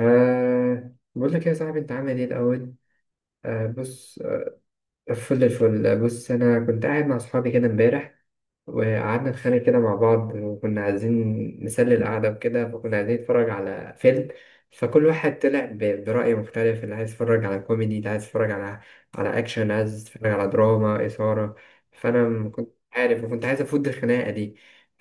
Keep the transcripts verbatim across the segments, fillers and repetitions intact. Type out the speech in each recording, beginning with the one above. أه بقول لك يا صاحبي، انت عامل ايه الاول؟ أه بص. آه، فل الفل. آه، بص، انا كنت قاعد مع اصحابي كده امبارح، وقعدنا نتخانق كده مع بعض، وكنا عايزين نسلي القعدة وكده. فكنا عايزين نتفرج على فيلم. فكل واحد طلع ب- برأي مختلف. اللي عايز يتفرج على كوميدي، اللي عايز يتفرج على على أكشن، عايز يتفرج على دراما إثارة. فأنا ما كنت عارف، وكنت عايز أفوت الخناقة دي.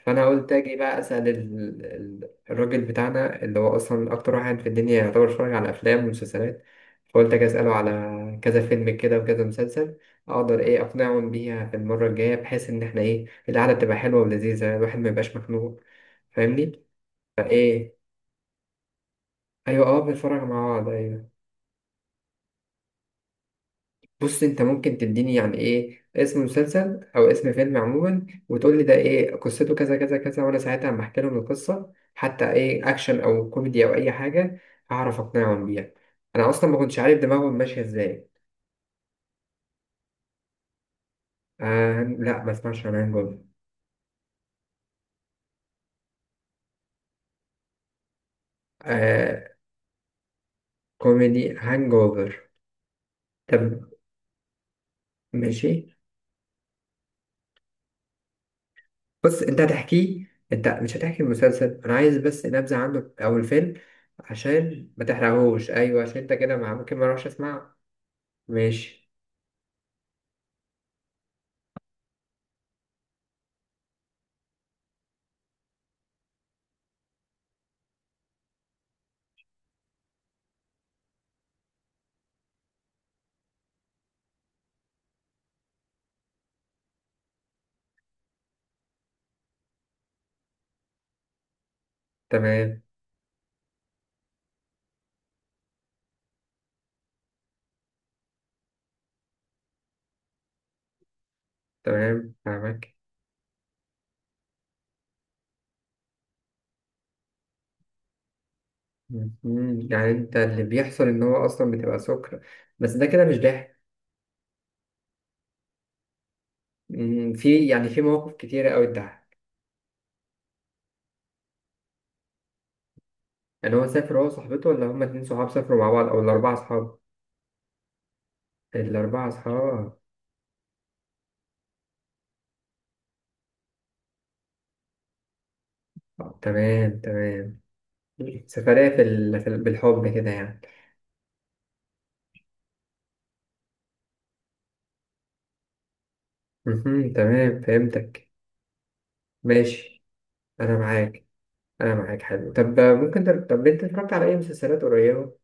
فأنا قلت أجي بقى أسأل ال- ال- الراجل بتاعنا، اللي هو أصلا أكتر واحد في الدنيا يعتبر اتفرج على أفلام ومسلسلات. فقلت أجي أسأله على كذا فيلم كده وكذا مسلسل، أقدر إيه أقنعهم بيها في المرة الجاية، بحيث إن إحنا إيه، القعدة بتبقى حلوة ولذيذة، الواحد ما يبقاش مخنوق. فاهمني؟ فايه، ايوه، اه بنتفرج مع بعض، ايوه. بص، انت ممكن تديني يعني ايه اسم مسلسل او اسم فيلم عموما، وتقول لي ده ايه قصته، كذا كذا كذا، وانا ساعتها لما احكي لهم القصة حتى ايه، اكشن او كوميدي او اي حاجة، هعرف اقنعهم بيها. انا اصلا ما كنتش عارف دماغهم ماشية ازاي. آه لا، ما اسمعش عن هانج اوفر. آه، كوميدي هانج اوفر؟ طب ماشي. بص، انت هتحكيه، انت مش هتحكي المسلسل، انا عايز بس نبذة عنه او الفيلم، عشان ما تحرقهوش. ايوه، عشان انت كده ما ممكن، ما اروحش اسمع. ماشي. تمام تمام فاهمك. مم، يعني انت اللي بيحصل ان هو اصلا بتبقى سكر. بس ده كده مش ضحك. مم، في يعني في مواقف كتيرة قوي اتضحك. يعني هو سافر هو وصاحبته، ولا هما اتنين صحاب سافروا مع بعض، او الاربعة صحاب؟ الاربعة صحاب. آه، تمام تمام. سفرية في ال... في ال- بالحب كده يعني. مهم. تمام فهمتك. ماشي. انا معاك. انا معاك، حلو. طب ممكن تر... طب انت اتفرجت على اي مسلسلات قريبه؟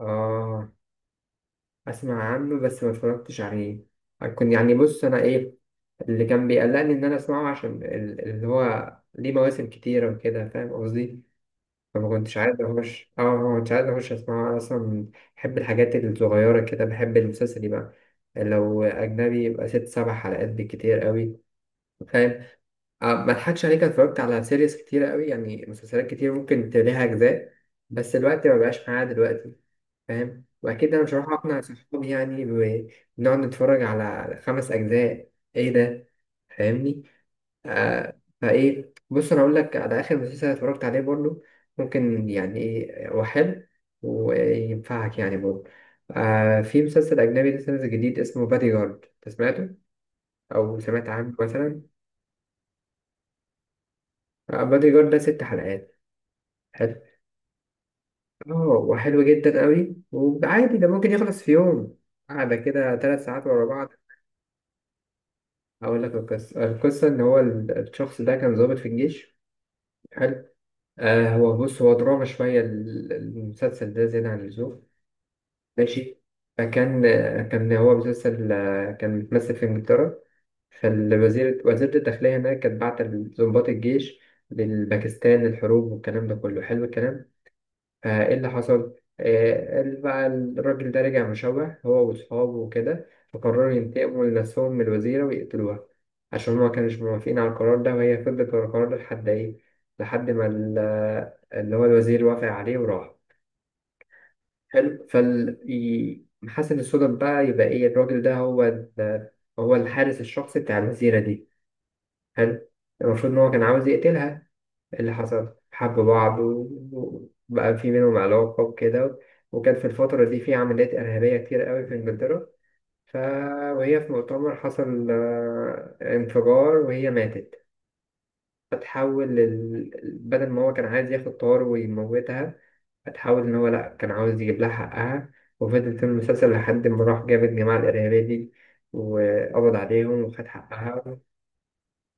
اه، اسمع عنه بس ما اتفرجتش عليه. هكون يعني، بص انا ايه اللي كان بيقلقني، ان انا اسمعه، عشان ال- اللي هو ليه مواسم كتيره وكده، فاهم قصدي؟ فما كنتش عايز اخش، اه ما كنتش عايز اخش اسمعه انا اصلا. بحب الحاجات الصغيره كده، بحب المسلسل يبقى لو اجنبي يبقى ست سبع حلقات بالكتير قوي. فاهم؟ آه، ما اضحكش عليك، أنا اتفرجت على سيريز كتيرة قوي، يعني مسلسلات كتير ممكن تلاقيها أجزاء، بس الوقت ما بقاش معايا دلوقتي. فاهم؟ وأكيد أنا مش هروح أقنع صحابي يعني بنقعد نتفرج على خمس أجزاء، إيه ده؟ فاهمني؟ آه فإيه، بص أنا أقول لك على آخر مسلسل اتفرجت عليه برضه، ممكن يعني إيه، هو حلو وينفعك يعني برضه. آه، في مسلسل أجنبي لسه نازل جديد اسمه بادي جارد، أنت سمعته أو سمعت عنه مثلا؟ آه، بادي جارد ده ست حلقات. اه، وحلو جدا قوي، وعادي ده ممكن يخلص في يوم، قاعدة كده ثلاث ساعات ورا بعض. أقول لك القصة. القصة إن هو ال- الشخص ده كان ضابط في الجيش. حلو. آه، هو بص، هو دراما شوية، ال- المسلسل ده زيادة عن اللزوم. ماشي. فكان، آه، كان هو مسلسل، آه، كان بيتمثل في إنجلترا. فالوزير، وزيرة الداخلية هناك، كانت بعت ضباط الجيش للباكستان، الحروب والكلام ده كله، حلو الكلام. آه، ايه اللي حصل؟ آه، قال بقى الراجل ده رجع مشوه هو واصحابه وكده، فقرروا ينتقموا لنفسهم من الوزيرة ويقتلوها. عشان هما كانوش موافقين على القرار ده، وهي فضلت ورا القرار ده لحد ايه، لحد ما ال- اللي هو الوزير وافق عليه وراح. حلو. فال ي- محسن الصدف بقى، يبقى ايه، الراجل ده هو ال- هو الحارس الشخصي بتاع الوزيرة دي. حلو. المفروض ان هو كان عاوز يقتلها. اللي حصل، حبوا بعض و- وبقى في بينهم علاقة وكده. وكان في الفترة دي في عمليات إرهابية كتير قوي في إنجلترا. ف... وهي في مؤتمر، حصل آه، انفجار، وهي ماتت. فتحول لل... بدل ما هو كان عايز ياخد طار ويموتها، فتحول إن هو لأ، كان عاوز يجيب لها حقها. وفضل في المسلسل لحد ما راح جاب الجماعة الإرهابية دي، وقبض عليهم وخد حقها.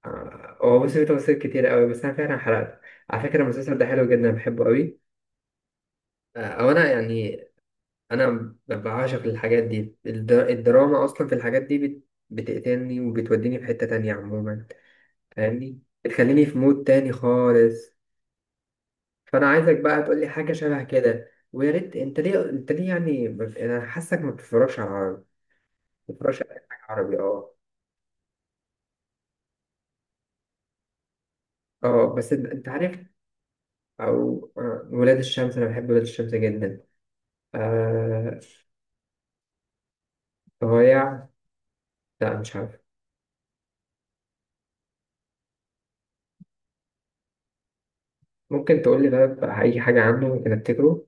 آه، هو بص، في تفاصيل كتير قوي بس أنا فعلا حرقت. على فكرة المسلسل ده حلو جدا، بحبه قوي. آه، او انا يعني، انا ب- بعشق الحاجات دي، الد- الدراما اصلا، في الحاجات دي بت- بتقتلني، وبتوديني في حتة تانية عموما. فاهمني؟ بتخليني في مود تاني خالص. فانا عايزك بقى تقول لي حاجة شبه كده. ويا ريت، انت ليه، انت ليه يعني ما ب- انا حاسك ما بتتفرجش على العربي، ما بتتفرجش على أي حاجة عربي؟ اه. اه بس انت، أنت عارف. او آه، ولاد الشمس، انا بحب ولاد الشمس جدا. آه. ضايع؟ لا مش عارف. ممكن تقول لي بقى، بقى اي حاجة عنه ممكن افتكره.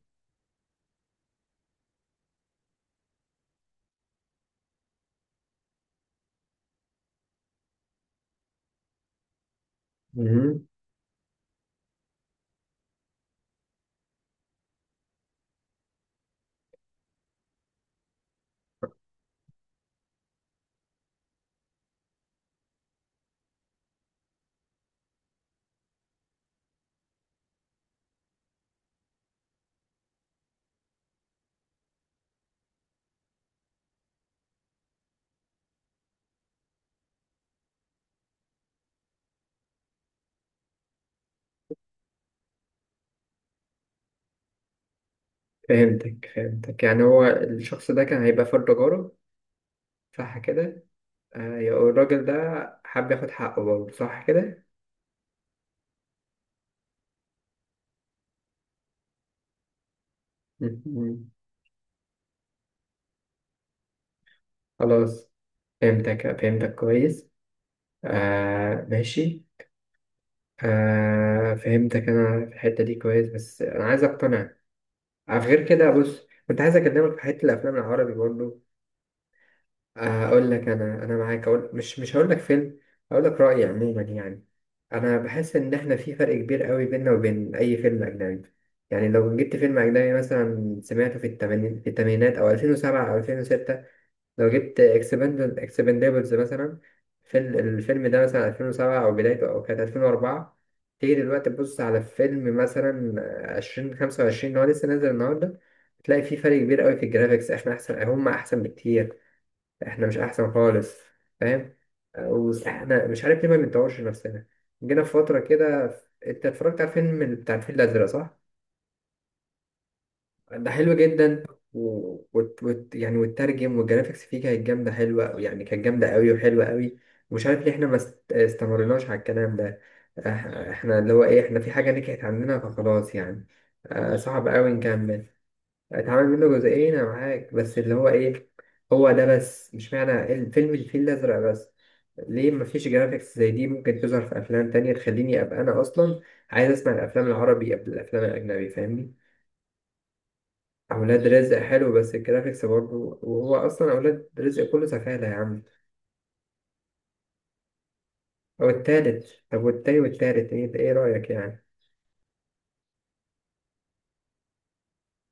فهمتك فهمتك، يعني هو الشخص ده كان هيبقى فرد تجارة، صح كده؟ آه، يبقى الراجل ده حب ياخد حقه برضه، صح كده؟ م- م. خلاص. فهمتك فهمتك كويس. آه ماشي. آه فهمتك أنا في الحتة دي كويس، بس أنا عايز أقتنع. آه، غير كده بص، كنت عايز أكلمك في حتة الأفلام العربي برضه. اقول لك، انا انا معاك. اقول، مش مش هقول لك فيلم، هقول لك رايي عموما يعني. انا بحس ان احنا في فرق كبير قوي بيننا وبين اي فيلم اجنبي. يعني لو جبت فيلم اجنبي مثلا، سمعته في التمانين في الثمانينات او ألفين وسبعة او ألفين وستة. لو جبت اكسباندبل اكسباندبلز مثلا، فيلم الفيلم ده مثلا ألفين وسبعة، او بدايته او كانت ألفين وأربعة. تيجي دلوقتي تبص على فيلم مثلا ألفين وخمسة وعشرين، اللي هو لسه نازل النهارده، تلاقي في فرق كبير قوي في الجرافيكس. احنا احسن، هم احسن بكتير. احنا مش احسن خالص. فاهم؟ واحنا مش عارف ليه ما بنطورش نفسنا. جينا في فتره كده. انت اتفرجت على فيلم بتاع الفيل الازرق صح؟ ده حلو جدا. و... وت... وت... يعني، والترجم والجرافيكس فيه كانت جامده حلوه يعني، كانت جامده قوي وحلوه قوي. ومش عارف ليه احنا ما است- استمرناش على الكلام ده. إح- احنا اللي هو ايه، احنا في حاجه نكحت عندنا فخلاص يعني. آه صعب قوي نكمل. اتعمل منه جزئين. انا معاك، بس اللي هو ايه، هو ده بس مش معنى الفيلم الفيل الازرق بس. ليه مفيش جرافيكس زي دي ممكن تظهر في افلام تانية تخليني ابقى انا اصلا عايز اسمع الافلام العربي قبل الافلام الاجنبي؟ فاهمني؟ اولاد رزق حلو بس الجرافيكس برضه، وهو اصلا اولاد رزق كله سفالة يا عم. او التالت. طب والتاني والتالت ايه ده؟ ايه رايك يعني؟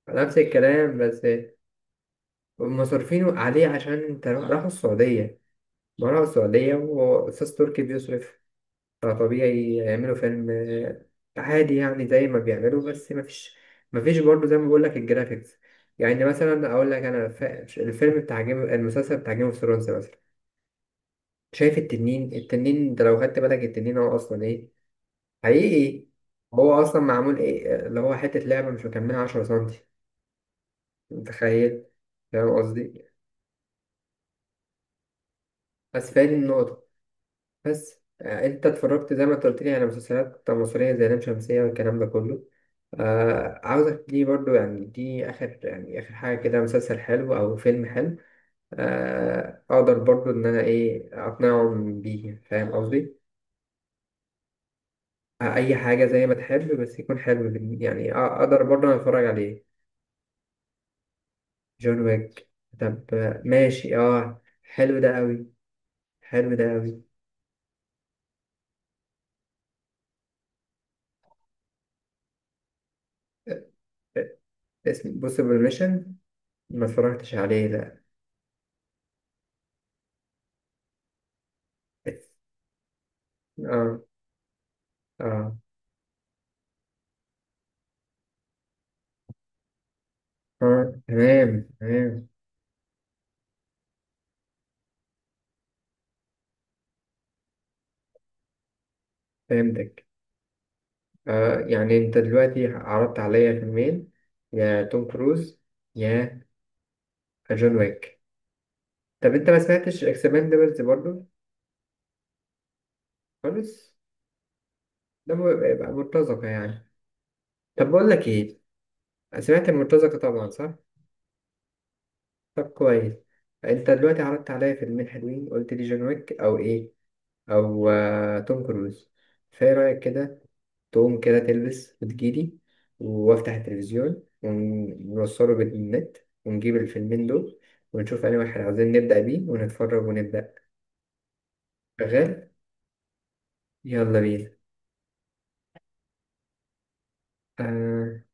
نفس الكلام بس. هم صارفينه عليه عشان انت، راحوا السعودية. ما راحوا السعودية، واستاذ تركي بيصرف، فطبيعي يعملوا فيلم. آه، عادي يعني زي ما بيعملوا، بس مفيش، مفيش برضه زي ما بقول لك الجرافيكس. يعني مثلا اقول لك انا، ف- الفيلم بتاع جيم، المسلسل بتاع جيم اوف ثرونز مثلا. شايف التنين؟ التنين ده لو خدت بالك، التنين هو اصلا ايه، حقيقي. هو اصلا معمول ايه؟ اللي هو حتة لعبة مش مكملة 10 سنتي، متخيل؟ فاهم قصدي؟ بس فاهم النقطة. بس آه، انت اتفرجت زي ما انت قلت لي على مسلسلات مصرية زي لام شمسية والكلام ده كله. آه عاوزك دي برضو يعني، دي آخر يعني آخر حاجة كده، مسلسل حلو أو فيلم حلو، آه، أقدر برضو إن أنا إيه أقنعهم بيه، فاهم قصدي؟ آه أي حاجة زي ما تحب، بس يكون حلو بال- يعني أ- أقدر برضو أنا أتفرج عليه. جون ويك؟ طب آه، ماشي، أه حلو ده أوي. حلو ده أوي. آه، آه، اسم بوسيبل ميشن، ما اتفرجتش عليه لا. أه أه. أه تمام تمام فهمتك. آه يعني انت دلوقتي عرضت عليا فيلمين، يا توم كروز، يا جون ويك. طب انت ما سمعتش اكسباندبلز برضو؟ خالص. ده م- يبقى مرتزقة يعني. طب بقول لك ايه، سمعت المرتزقة طبعا صح؟ طب كويس. انت دلوقتي عرضت عليا فيلمين حلوين، قلت لي جون ويك او ايه، او آه توم كروز. فايه رأيك كده، تقوم كده تلبس وتجيلي، وافتح التلفزيون ونوصله بالنت، ونجيب الفيلمين دول، ونشوف انهي واحد عاوزين نبدأ بيه ونتفرج ونبدأ؟ شغال. يلا بينا. آه.